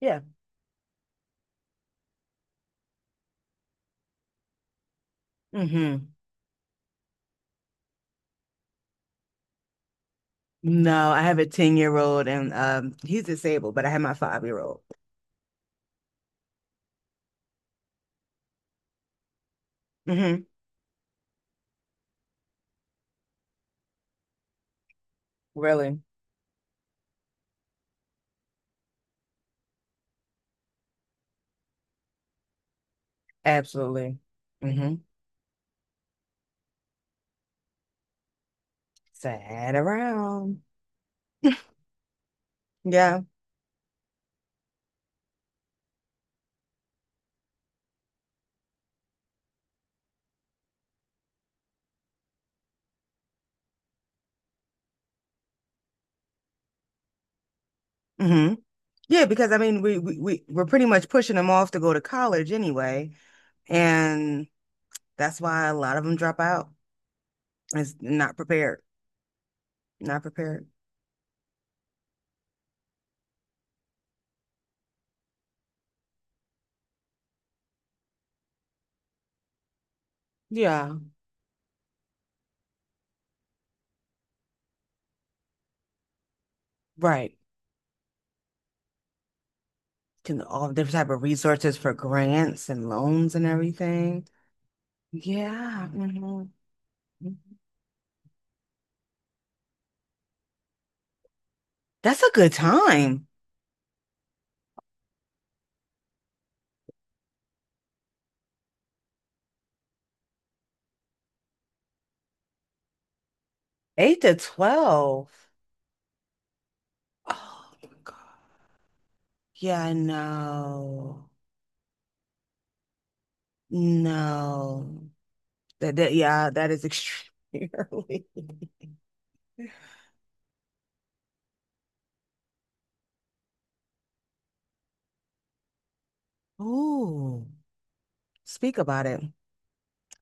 Yeah. hmm No, I have a 10-year-old and he's disabled, but I have my five-year-old. hmm Really? Absolutely. hmm Sad around. Yeah. hmm Yeah, because I mean, we we're pretty much pushing them off to go to college anyway. And that's why a lot of them drop out. It's not prepared. Not prepared. Yeah, right. Can all different type of resources for grants and loans and everything. Yeah. That's a good time. Eight to 12. Oh my God. Yeah, no. No. That is extremely early. Ooh, speak about it.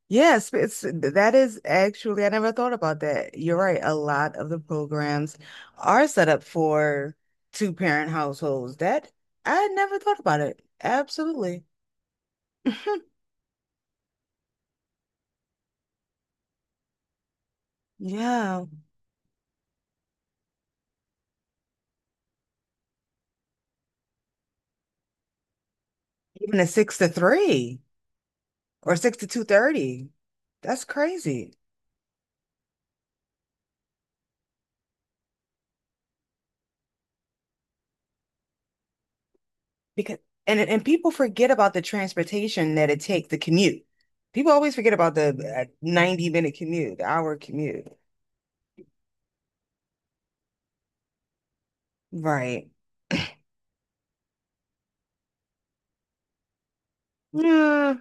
Yes, that is actually, I never thought about that. You're right. A lot of the programs are set up for two-parent households. That I never thought about it. Absolutely. Yeah. Even a six to three, or 6 to 2:30. That's crazy, because and people forget about the transportation that it takes, the commute. People always forget about the 90 minute commute, the hour commute, right? Yeah.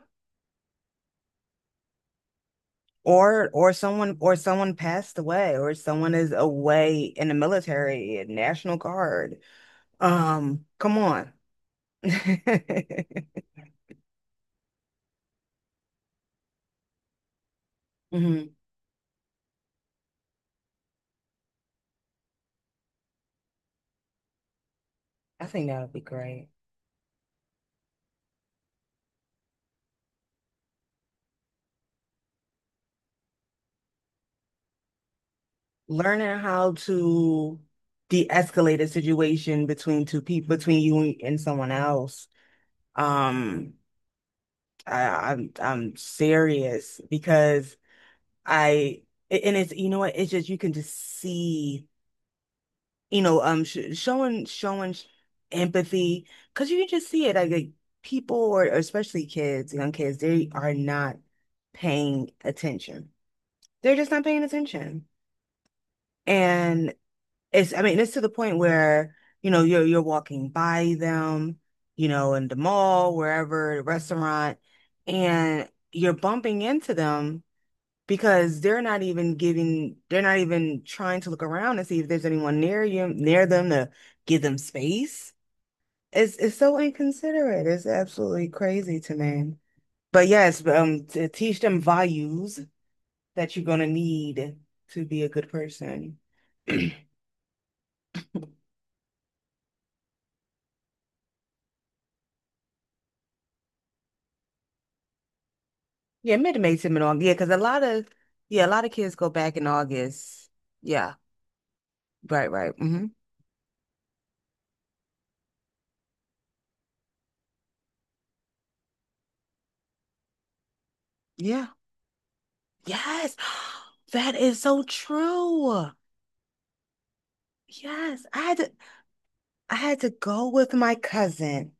Or someone, or someone passed away, or someone is away in the military, National Guard. Come on. Mhm. I think that would be great. Learning how to de-escalate a situation between two people, between you and someone else. Um, I, I'm serious, because I and it's you know what, it's just you can just see, you know, sh showing showing empathy, because you can just see it, like people, or especially kids young kids, they are not paying attention, they're just not paying attention. And it's, I mean, it's to the point where, you know, you're walking by them, you know, in the mall, wherever, the restaurant, and you're bumping into them because they're not even giving, they're not even trying to look around and see if there's anyone near you, near them, to give them space. It's so inconsiderate. It's absolutely crazy to me. But yes, to teach them values that you're gonna need to be a good person. Yeah, mid to May time in August. Yeah, because a lot of, yeah, a lot of kids go back in August. Yeah, right, right. Yeah. Yes. That is so true. Yes. I had to go with my cousin.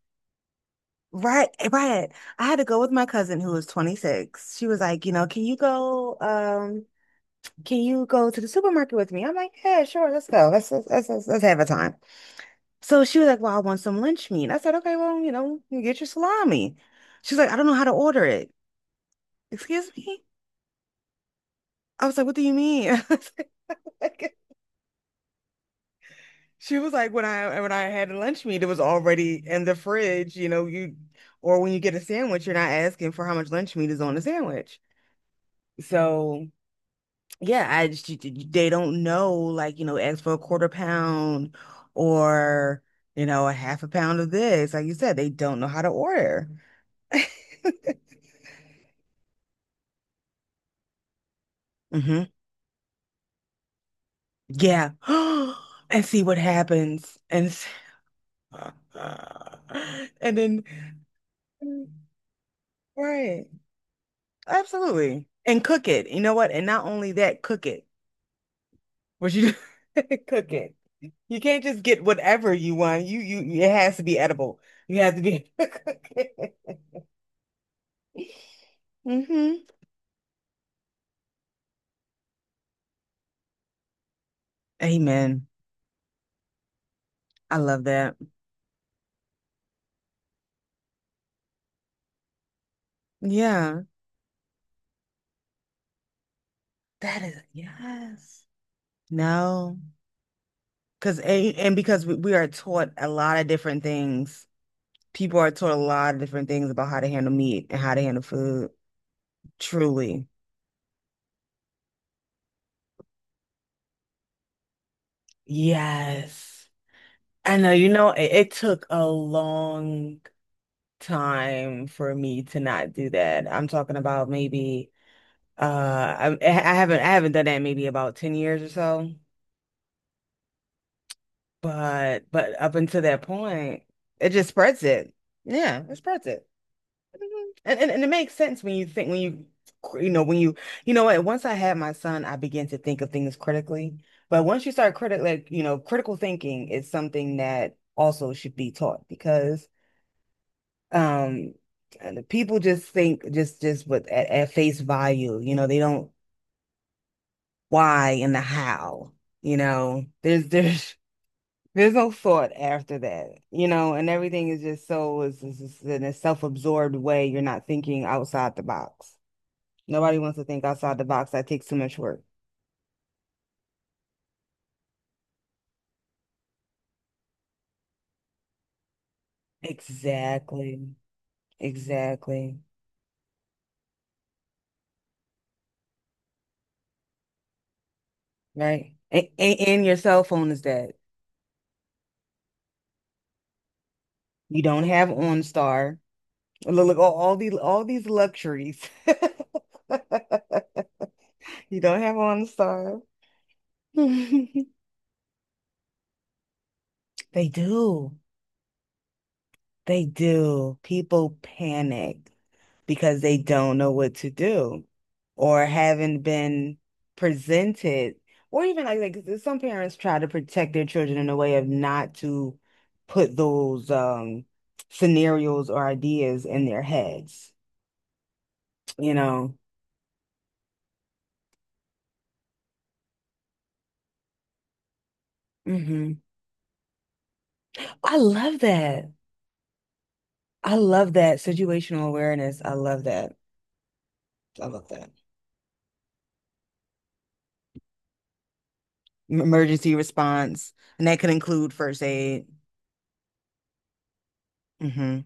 Right, right. I had to go with my cousin who was 26. She was like, you know, can you go to the supermarket with me? I'm like, yeah, sure, let's go. Let's have a time. So she was like, well, I want some lunch meat. I said, okay, well, you know, you get your salami. She's like, I don't know how to order it. Excuse me? I was like, what do you mean? I was like- She was like, when I had lunch meat, it was already in the fridge, you know, you, or when you get a sandwich, you're not asking for how much lunch meat is on the sandwich. So yeah, I just they don't know, like, you know, ask for a quarter pound or, you know, a half a pound of this. Like you said, they don't know how to order. hmm Yeah. And see what happens. And then right. Absolutely. And cook it. You know what? And not only that, cook it. What you cook it. You can't just get whatever you want. You it has to be edible. You have to be cook it. hmm Amen. I love that. Yeah. That is yes. No. Because and because we are taught a lot of different things, people are taught a lot of different things about how to handle meat and how to handle food. Truly. Yes. I know, you know, it took a long time for me to not do that. I'm talking about maybe I haven't done that in maybe about 10 years or so. But up until that point, it just spreads it. Yeah, it spreads it. And it makes sense when you you know when you know what, once I had my son I began to think of things critically. But once you start critic like you know, critical thinking is something that also should be taught, because um and the people just think, just with at face value, you know, they don't, why and the how. You know, there's there's no thought after that, you know, and everything is just so is in a self-absorbed way, you're not thinking outside the box. Nobody wants to think outside the box. That takes too much work. Exactly. Exactly. Right. And your cell phone is dead. You don't have OnStar. Look, all these luxuries. You don't have OnStar. They do. They do. People panic, because they don't know what to do, or haven't been presented, or even like some parents try to protect their children in a way of not to put those scenarios or ideas in their heads, you know. hmm I love that. I love that, situational awareness. I love that. I love that. Emergency response, and that could include first aid. hmm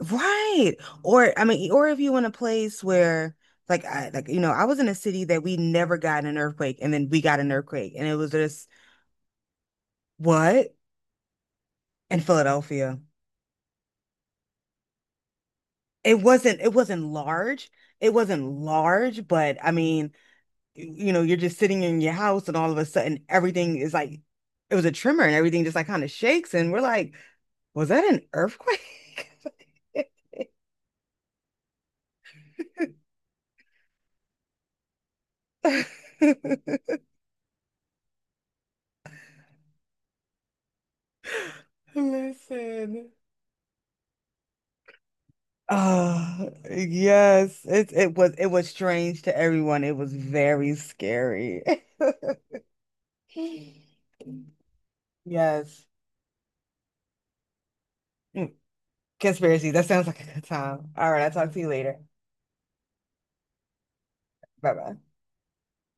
Right. Or I mean, or if you in a place where, like I like you know, I was in a city that we never got an earthquake, and then we got an earthquake, and it was just, what? In Philadelphia. It wasn't large. It wasn't large, but I mean, you know, you're just sitting in your house and all of a sudden everything is like, it was a tremor and everything just like kind of shakes, and we're like, was that an earthquake? Listen. Yes, it was, it was strange to everyone. It was very scary. Yes. Mm, conspiracy. That sounds like a good time. All right, I'll talk to you later. Bye bye.